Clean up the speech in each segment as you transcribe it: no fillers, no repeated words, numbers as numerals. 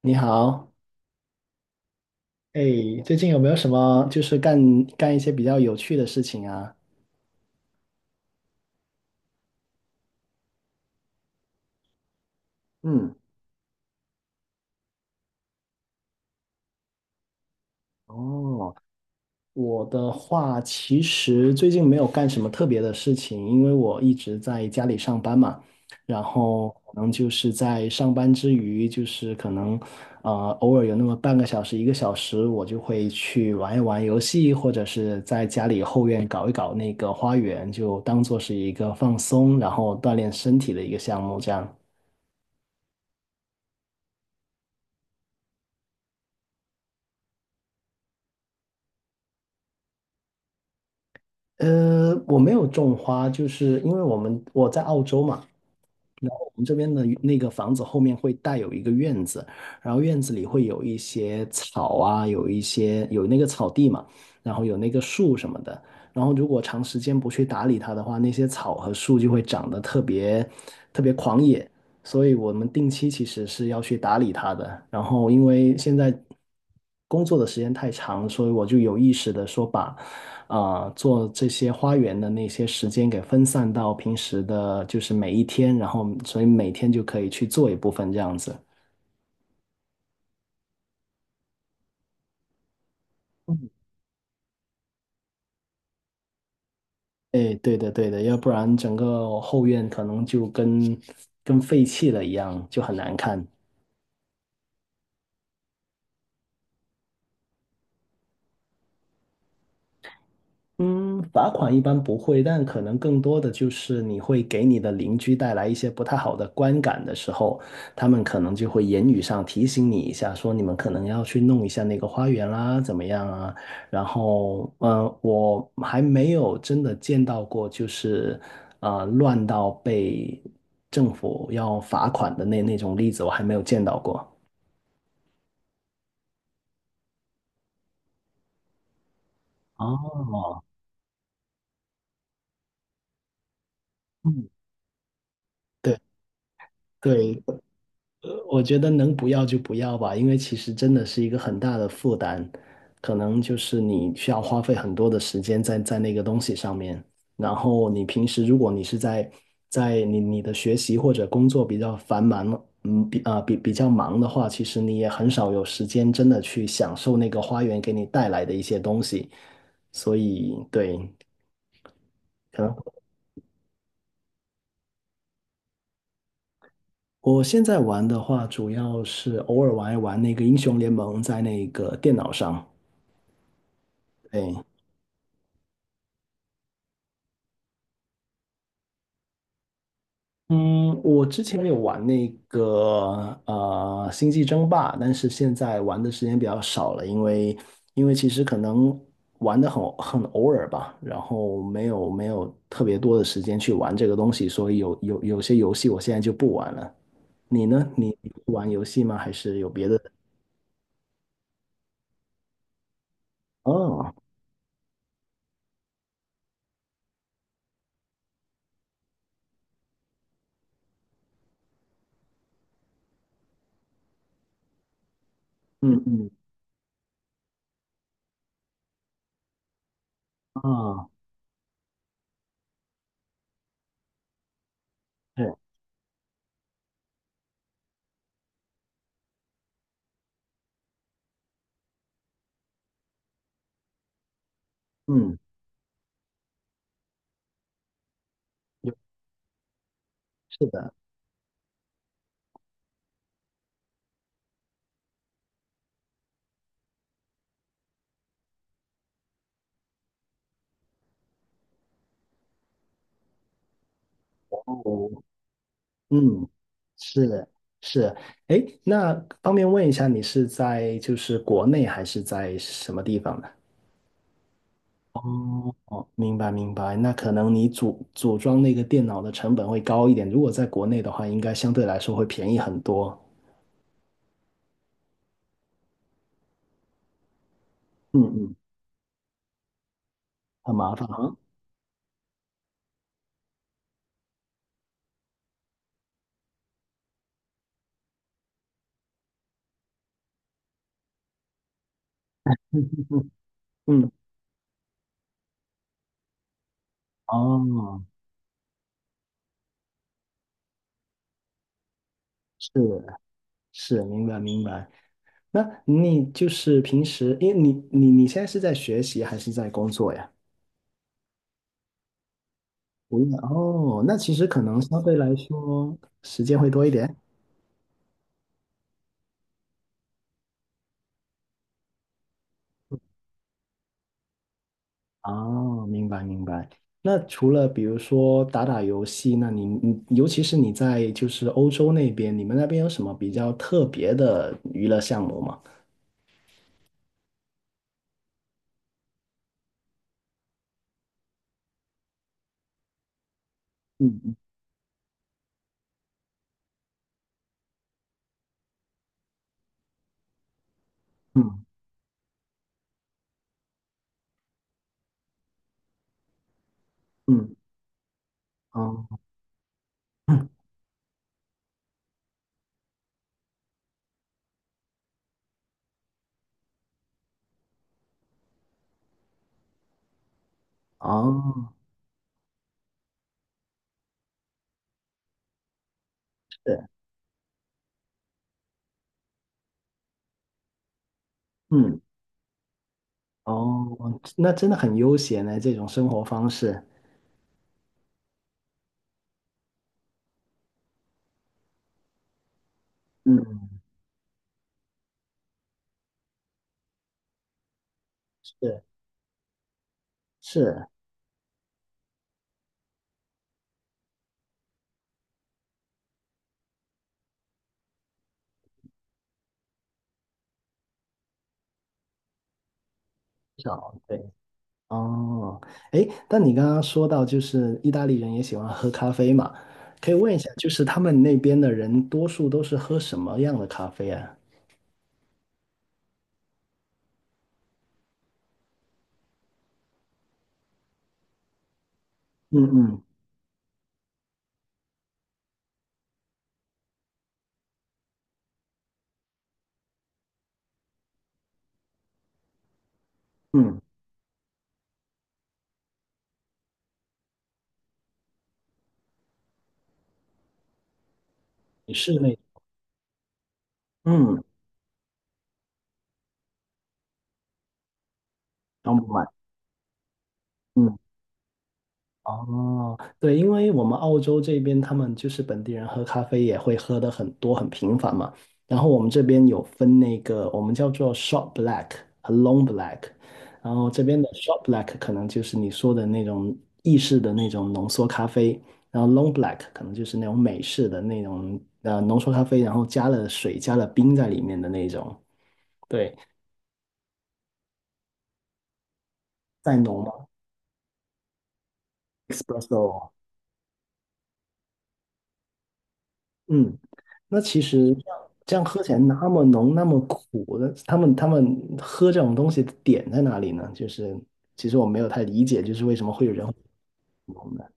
你好，哎，最近有没有什么就是干一些比较有趣的事情啊？嗯，哦，我的话其实最近没有干什么特别的事情，因为我一直在家里上班嘛，然后可能就是在上班之余，就是可能呃偶尔有那么半个小时、一个小时，我就会去玩一玩游戏，或者是在家里后院搞一搞那个花园，就当做是一个放松，然后锻炼身体的一个项目这样。呃，我没有种花，就是因为我在澳洲嘛，然后我们这边的那个房子后面会带有一个院子，然后院子里会有一些草啊，有一些有那个草地嘛，然后有那个树什么的，然后如果长时间不去打理它的话，那些草和树就会长得特别狂野，所以我们定期其实是要去打理它的。然后因为现在工作的时间太长，所以我就有意识的说把。啊、做这些花园的那些时间给分散到平时的，就是每一天，然后所以每天就可以去做一部分这样子。哎，对的对的，要不然整个后院可能就跟废弃了一样，就很难看。嗯，罚款一般不会，但可能更多的就是你会给你的邻居带来一些不太好的观感的时候，他们可能就会言语上提醒你一下，说你们可能要去弄一下那个花园啦，怎么样啊？然后，嗯，我还没有真的见到过，就是呃，乱到被政府要罚款的那种例子，我还没有见到过。哦，嗯，对对，呃，我觉得能不要就不要吧，因为其实真的是一个很大的负担，可能就是你需要花费很多的时间在那个东西上面。然后你平时如果你是在你的学习或者工作比较繁忙了嗯，比啊、比比较忙的话，其实你也很少有时间真的去享受那个花园给你带来的一些东西。所以对，可能我现在玩的话，主要是偶尔玩一玩那个英雄联盟在那个电脑上，对。嗯，我之前有玩那个呃《星际争霸》，但是现在玩的时间比较少了，因为因为其实可能玩的很偶尔吧，然后没有特别多的时间去玩这个东西，所以有些游戏我现在就不玩了。你呢？你不玩游戏吗？还是有别的？哦，嗯嗯啊，对，嗯，有是的，哦。嗯，是是，哎，那方便问一下，你是在就是国内还是在什么地方呢？哦哦，明白明白，那可能你组装那个电脑的成本会高一点，如果在国内的话，应该相对来说会便宜很多。嗯嗯，很麻烦啊。嗯嗯，哦，是是，明白明白。那你就是平时，因为你现在是在学习还是在工作呀？不用哦，那其实可能相对来说时间会多一点。哦，明白明白。那除了比如说打打游戏，那你尤其是你在就是欧洲那边，你们那边有什么比较特别的娱乐项目吗？嗯嗯嗯嗯哦哦是嗯哦，那真的很悠闲呢，这种生活方式。嗯，是是，少对。哦，哎，但你刚刚说到，就是意大利人也喜欢喝咖啡嘛，可以问一下，就是他们那边的人多数都是喝什么样的咖啡啊？嗯嗯嗯，你是那嗯，嗯。买，哦，对，因为我们澳洲这边他们就是本地人喝咖啡也会喝的很多很频繁嘛，然后我们这边有分那个我们叫做 short black 和 long black，然后这边的 short black 可能就是你说的那种意式的那种浓缩咖啡，然后 long black 可能就是那种美式的那种呃浓缩咖啡，然后加了水加了冰在里面的那种，对，再浓嘛，espresso，嗯那其实这样喝起来那么浓那么苦的，他们喝这种东西的点在哪里呢？就是其实我没有太理解，就是为什么会有人会浓的。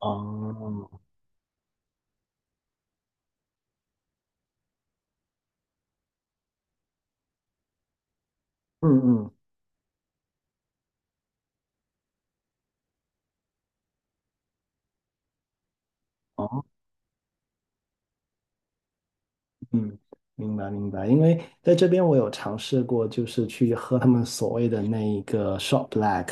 哦，嗯嗯，哦，嗯，明白明白。因为在这边我有尝试过，就是去喝他们所谓的那一个 shot black，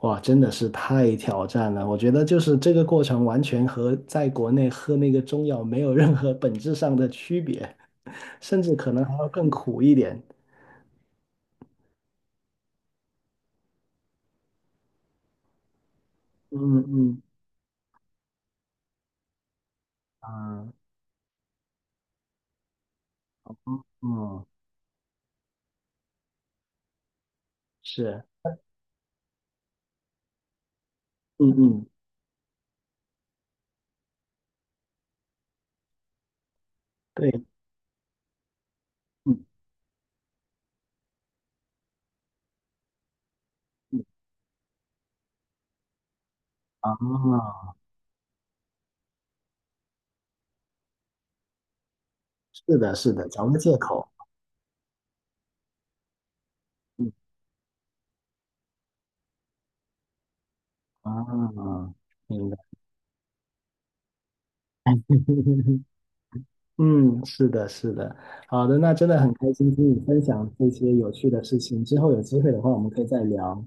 哇，真的是太挑战了。我觉得就是这个过程完全和在国内喝那个中药没有任何本质上的区别，甚至可能还要更苦一点。嗯嗯啊，嗯，是，嗯嗯，对，嗯嗯，啊，是的，是的，找个借口。嗯啊，明白。嗯，是的，是的，好的，那真的很开心听你分享这些有趣的事情。之后有机会的话，我们可以再聊。